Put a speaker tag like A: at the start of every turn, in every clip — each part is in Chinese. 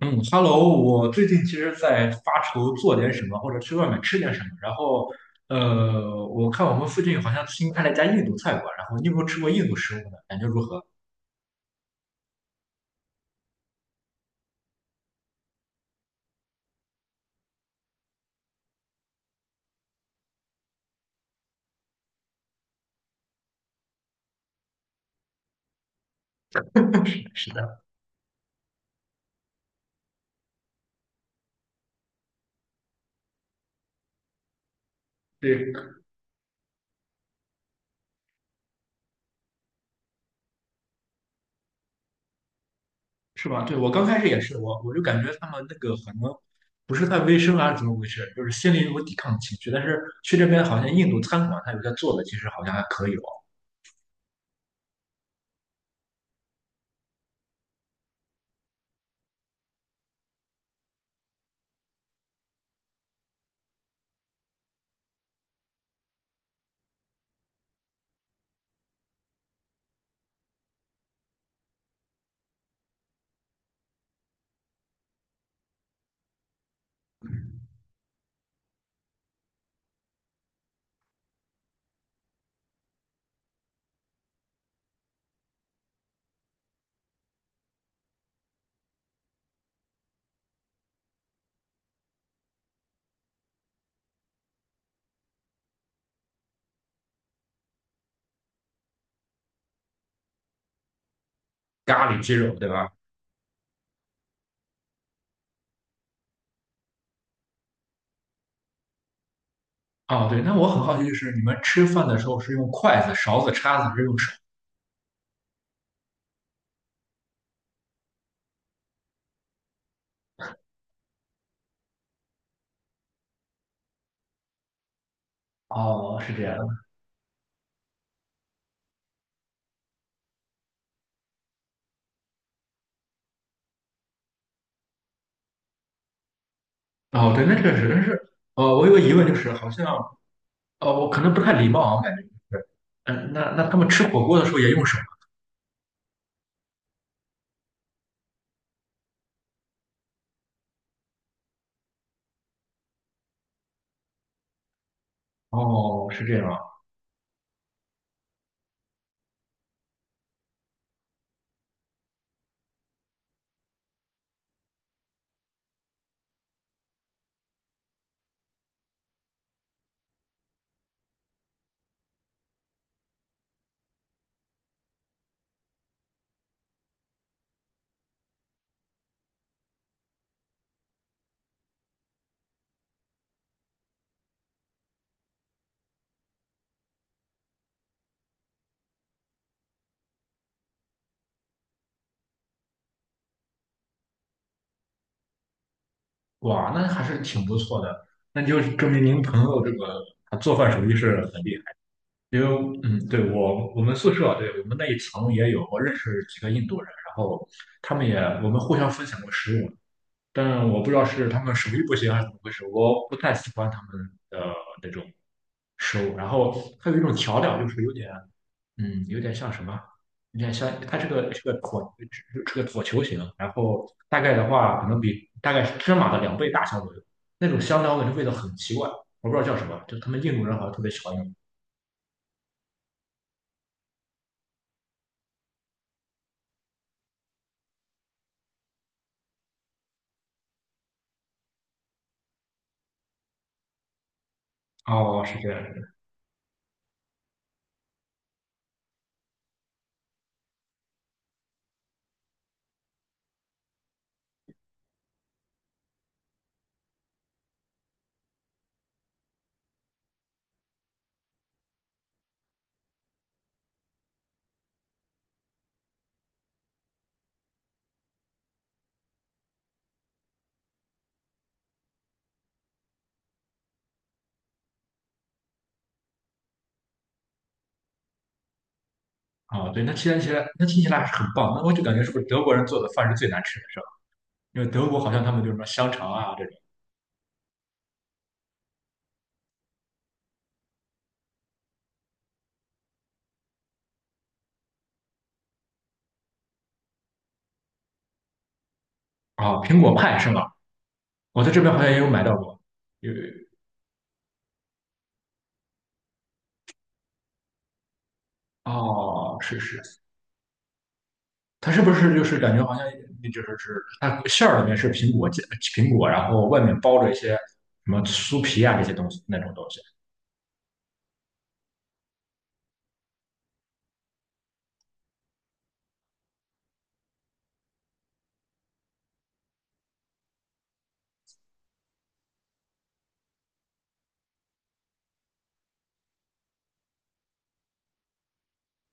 A: 嗯，Hello，我最近其实在发愁做点什么，或者去外面吃点什么。然后，我看我们附近好像新开了一家印度菜馆，然后你有没有吃过印度食物呢？感觉如何？是的，对，是吧？对，我刚开始也是，我就感觉他们那个可能不是太卫生啊，怎么回事？就是心里有个抵抗情绪。但是去这边好像印度餐馆，他有些做的其实好像还可以哦，咖喱鸡肉，对吧？哦，对，那我很好奇，就是你们吃饭的时候是用筷子、勺子、叉子，还是用手？哦，是这样。哦，对，那确实，但是，哦，我有个疑问，就是好像，哦，我可能不太礼貌啊，我感觉就是，那他们吃火锅的时候也用手吗？哦，是这样啊。哇，那还是挺不错的，那就证明您朋友这个他做饭手艺是很厉害。因为，嗯，对，我们宿舍啊，对我们那一层也有，我认识几个印度人，然后他们也，我们互相分享过食物，但我不知道是他们手艺不行还是怎么回事，我不太喜欢他们的那种食物。然后还有一种调料，就是有点，有点像什么？有点像，它是个，椭球形，然后大概的话，可能比，大概是芝麻的两倍大小左右。那种香料我感觉味道很奇怪，我不知道叫什么，就他们印度人好像特别喜欢用。哦，是这样的。哦，对，那听起来还是很棒。那我就感觉是不是德国人做的饭是最难吃的，是吧？因为德国好像他们就是什么香肠啊这种。哦，苹果派是吗？我在这边好像也有买到过。有。哦，是是，它是不是就是感觉好像就是，它馅儿里面是苹果，然后外面包着一些什么酥皮啊这些东西，那种东西？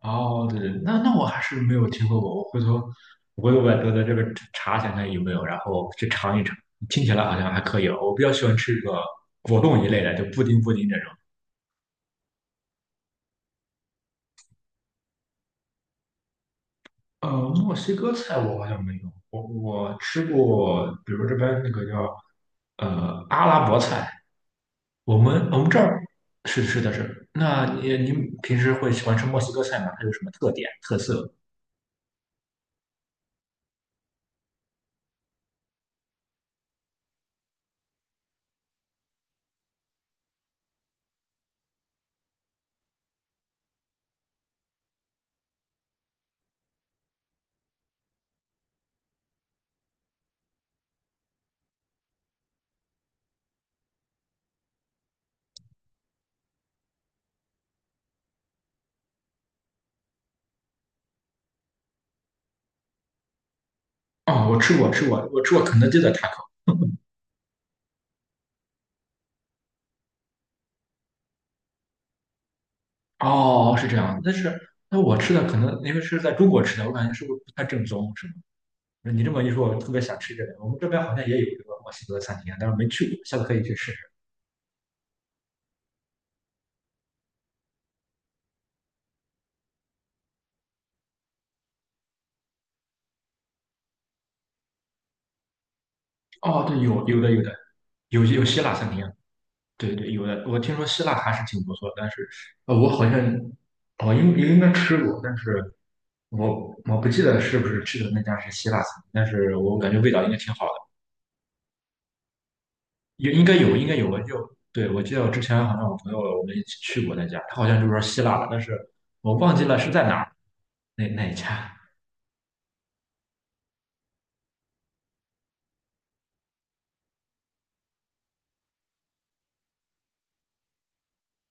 A: 哦，对对，那我还是没有听说过。我回头百度的这个查一下看有没有，然后去尝一尝。听起来好像还可以哦，我比较喜欢吃这个果冻一类的，就布丁这种。呃，墨西哥菜我好像没有，我吃过，比如这边那个叫，阿拉伯菜。我们这儿，是是的，是。那你，您平时会喜欢吃墨西哥菜吗？它有什么特点特色？哦，我吃过，我吃过肯德基的 taco。哦，是这样，但是，那我吃的可能因为是在中国吃的，我感觉是不是不太正宗，是吗？你这么一说，我特别想吃这个。我们这边好像也有这个墨西哥餐厅啊，但是没去过，下次可以去试试。哦，对，有有的有的。有，有希腊餐厅啊。对对，有的。我听说希腊还是挺不错，但是，我好像，我应该吃过，但是，我不记得是不是吃的那家是希腊餐，但是我感觉味道应该挺好的。也应该有，应该有。我就，对，我记得我之前好像，我朋友我们一起去过那家，他好像就说希腊的，但是我忘记了是在哪儿，那一家。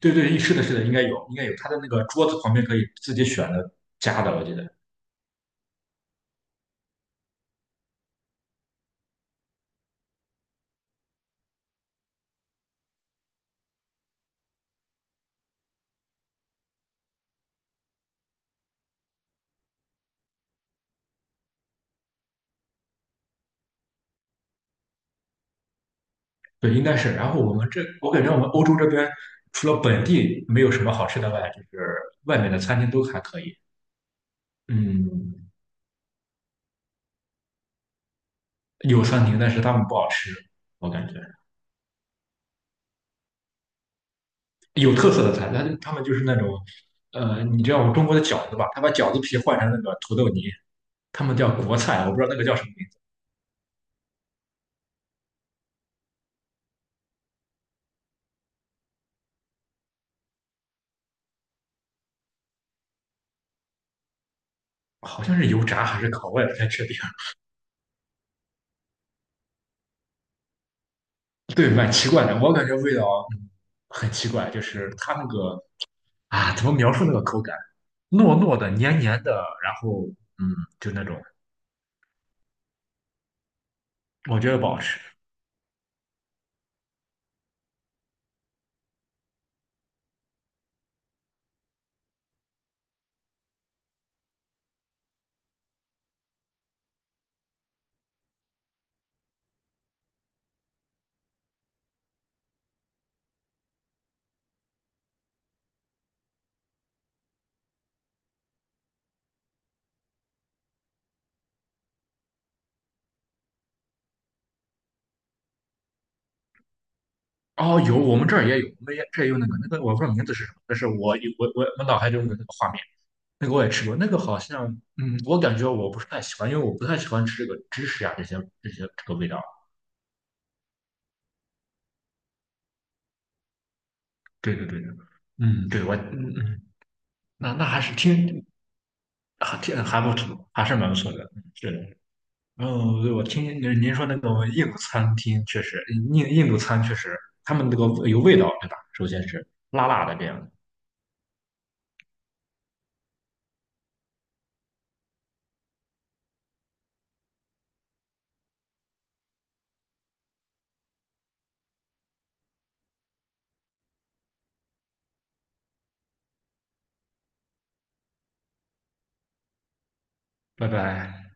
A: 对对，是的，是的，应该有，应该有。他的那个桌子旁边可以自己选的，加的，我记得。对，应该是。然后我们这，我感觉我们欧洲这边除了本地没有什么好吃的外，就是外面的餐厅都还可以。嗯，有餐厅，但是他们不好吃，我感觉，有特色的餐，但是他们就是那种，你知道我们中国的饺子吧？他把饺子皮换成那个土豆泥，他们叫国菜，我不知道那个叫什么名字，好像是油炸还是烤，我也不太确定。对，蛮奇怪的，我感觉味道，嗯很奇怪，就是它那个啊，怎么描述那个口感？糯糯的、黏黏的，然后，嗯，就那种。我觉得不好吃。哦，有，我们这儿也有，我们也这儿也有那个，我不知道名字是什么，但是我有，我脑海中的那个画面，那个我也吃过，那个好像，嗯，我感觉我不是太喜欢，因为我不太喜欢吃这个芝士呀，这些这个味道。对对对对，嗯，对，我，嗯嗯，那那还是挺还挺还不错，还是蛮不错的，嗯，是的。嗯，对，我听，您说那个印度餐厅确实，印度餐确实，他们那个有味道，对吧？首先是辣辣的这样的。拜拜。